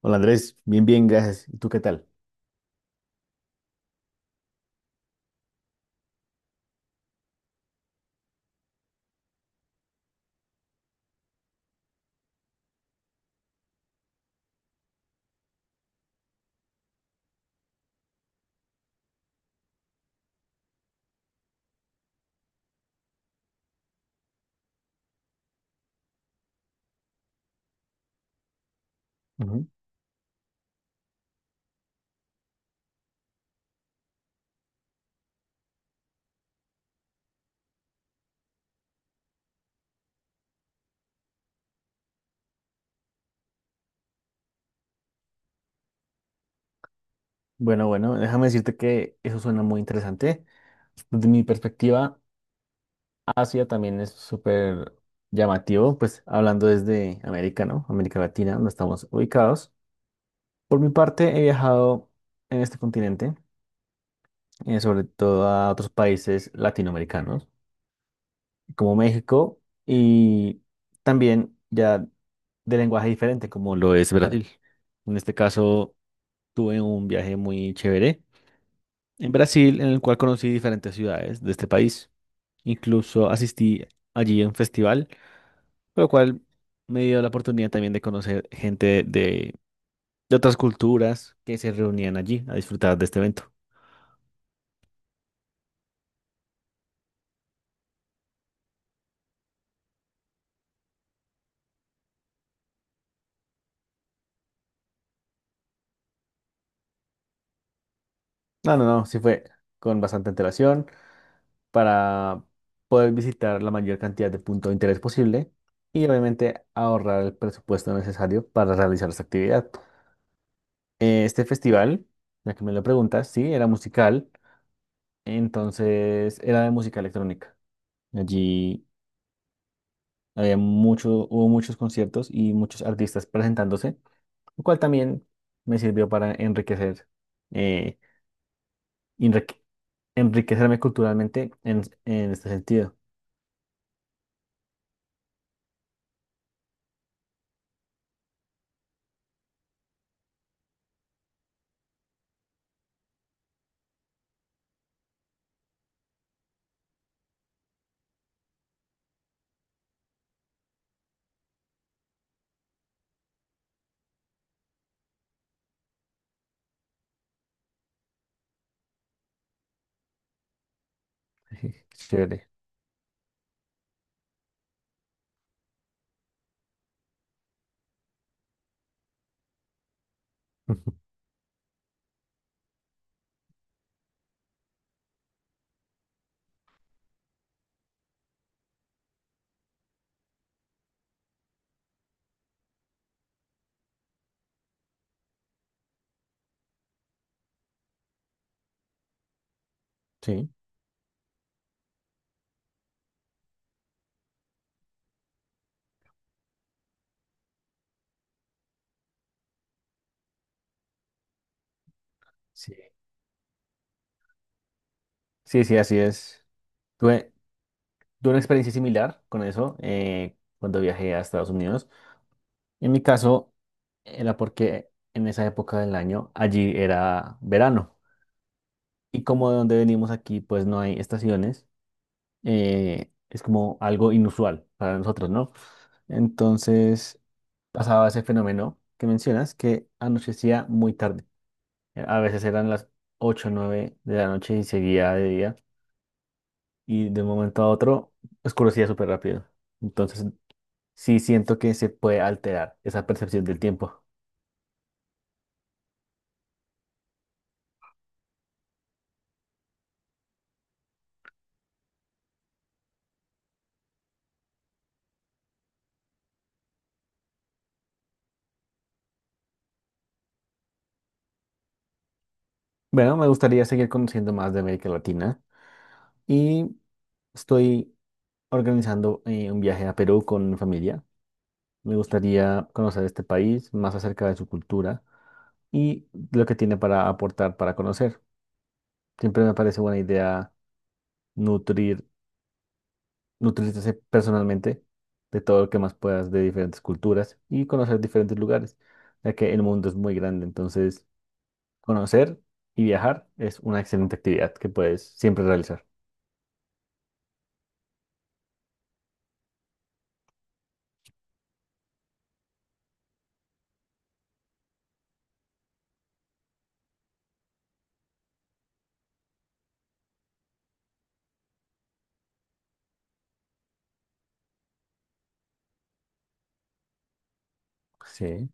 Hola Andrés, bien, bien, gracias. ¿Y tú qué tal? Ujú. Bueno, bueno, déjame decirte que eso suena muy interesante. Desde mi perspectiva, Asia también es súper llamativo, pues hablando desde América, ¿no? América Latina, donde estamos ubicados. Por mi parte, he viajado en este continente, sobre todo a otros países latinoamericanos, como México, y también ya de lenguaje diferente, como lo es Brasil. En este caso, tuve un viaje muy chévere en Brasil, en el cual conocí diferentes ciudades de este país. Incluso asistí allí a un festival, por lo cual me dio la oportunidad también de conocer de otras culturas que se reunían allí a disfrutar de este evento. No, no, no, sí fue con bastante antelación, para poder visitar la mayor cantidad de puntos de interés posible y obviamente ahorrar el presupuesto necesario para realizar esta actividad. Este festival, ya que me lo preguntas, sí, era musical, entonces era de música electrónica. Allí hubo muchos conciertos y muchos artistas presentándose, lo cual también me sirvió para enriquecer, eh, enrique- enriquecerme culturalmente en este sentido. Chévere. Sí. Sí. Sí, sí, así es. Tuve, tuve una experiencia similar con eso cuando viajé a Estados Unidos. En mi caso, era porque en esa época del año allí era verano. Y como de donde venimos aquí, pues no hay estaciones, es como algo inusual para nosotros, ¿no? Entonces pasaba ese fenómeno que mencionas, que anochecía muy tarde. A veces eran las 8 o 9 de la noche y seguía de día. Y de un momento a otro oscurecía súper rápido. Entonces, sí siento que se puede alterar esa percepción del tiempo. Bueno, me gustaría seguir conociendo más de América Latina y estoy organizando un viaje a Perú con mi familia. Me gustaría conocer este país, más acerca de su cultura y lo que tiene para aportar, para conocer. Siempre me parece buena idea nutrir nutrirse personalmente de todo lo que más puedas de diferentes culturas y conocer diferentes lugares, ya que el mundo es muy grande, entonces conocer y viajar es una excelente actividad que puedes siempre realizar. Sí.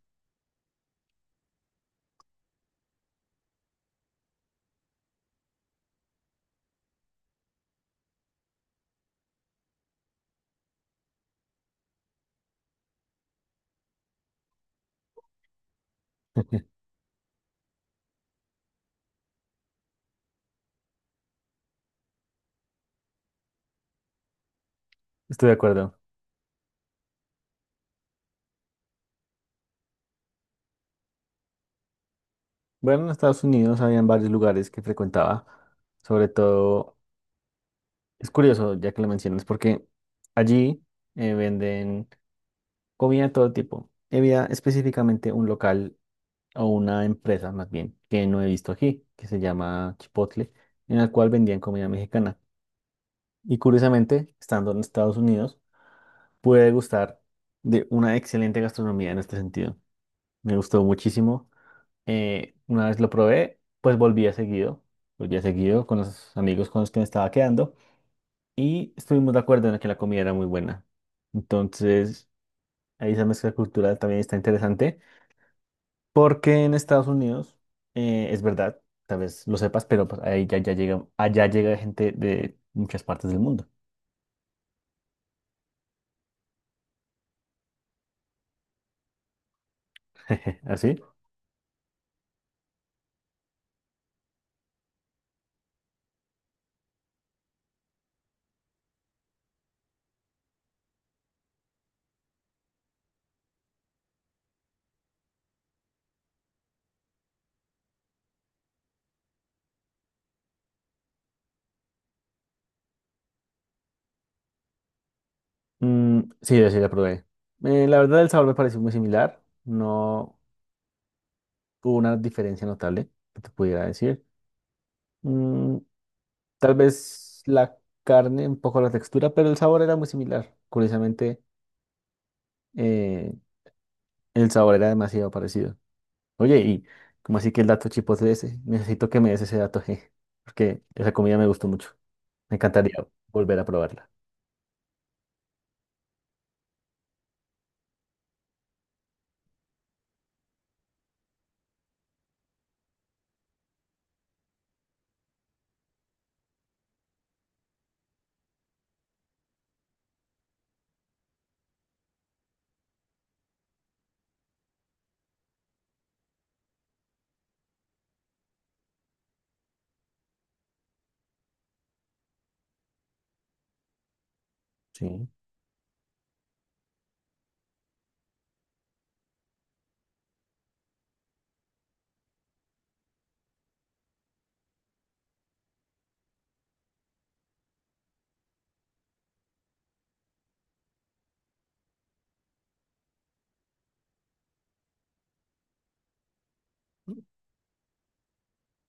Estoy de acuerdo. Bueno, en Estados Unidos habían varios lugares que frecuentaba, sobre todo, es curioso ya que lo mencionas, porque allí venden comida de todo tipo. Había específicamente un local o una empresa más bien que no he visto aquí, que se llama Chipotle, en la cual vendían comida mexicana. Y curiosamente, estando en Estados Unidos, pude gustar de una excelente gastronomía en este sentido. Me gustó muchísimo. Una vez lo probé, pues volví a seguido con los amigos con los que me estaba quedando y estuvimos de acuerdo en que la comida era muy buena. Entonces, ahí esa mezcla cultural también está interesante. Porque en Estados Unidos, es verdad, tal vez lo sepas, pero pues, ya llega, allá llega gente de muchas partes del mundo. ¿Así? Mm, sí, yo sí la probé. La verdad, el sabor me pareció muy similar. No hubo una diferencia notable que te pudiera decir. Mm, tal vez la carne, un poco la textura, pero el sabor era muy similar. Curiosamente, eh, el sabor era demasiado parecido. Oye, y como así que el dato chipotle ese, necesito que me des ese dato, je, porque esa comida me gustó mucho. Me encantaría volver a probarla. Sí,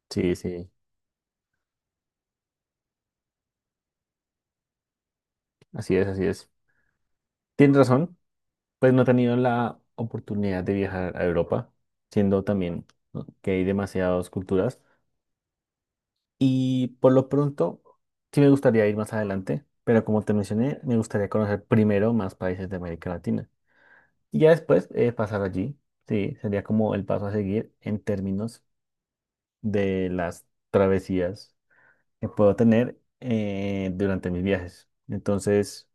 sí, sí, así es, así es. Tienes razón, pues no he tenido la oportunidad de viajar a Europa, siendo también ¿no? que hay demasiadas culturas. Y por lo pronto, sí me gustaría ir más adelante, pero como te mencioné, me gustaría conocer primero más países de América Latina. Y ya después pasar allí. Sí, sería como el paso a seguir en términos de las travesías que puedo tener durante mis viajes. Entonces,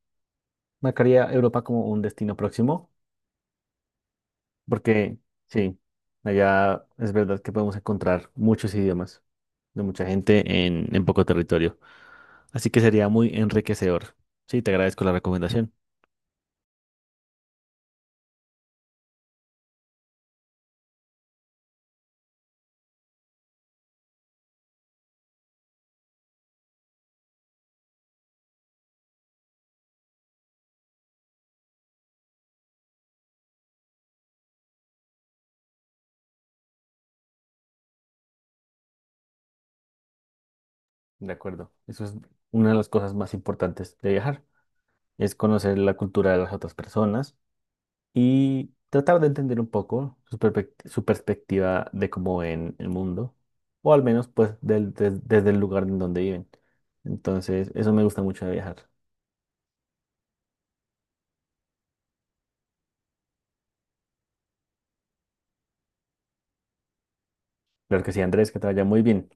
marcaría Europa como un destino próximo, porque sí, allá es verdad que podemos encontrar muchos idiomas de mucha gente en poco territorio. Así que sería muy enriquecedor. Sí, te agradezco la recomendación. De acuerdo. Eso es una de las cosas más importantes de viajar, es conocer la cultura de las otras personas y tratar de entender un poco su perspectiva de cómo ven el mundo, o al menos pues desde el lugar en donde viven. Entonces, eso me gusta mucho de viajar. Claro que sí, Andrés, que te vaya muy bien.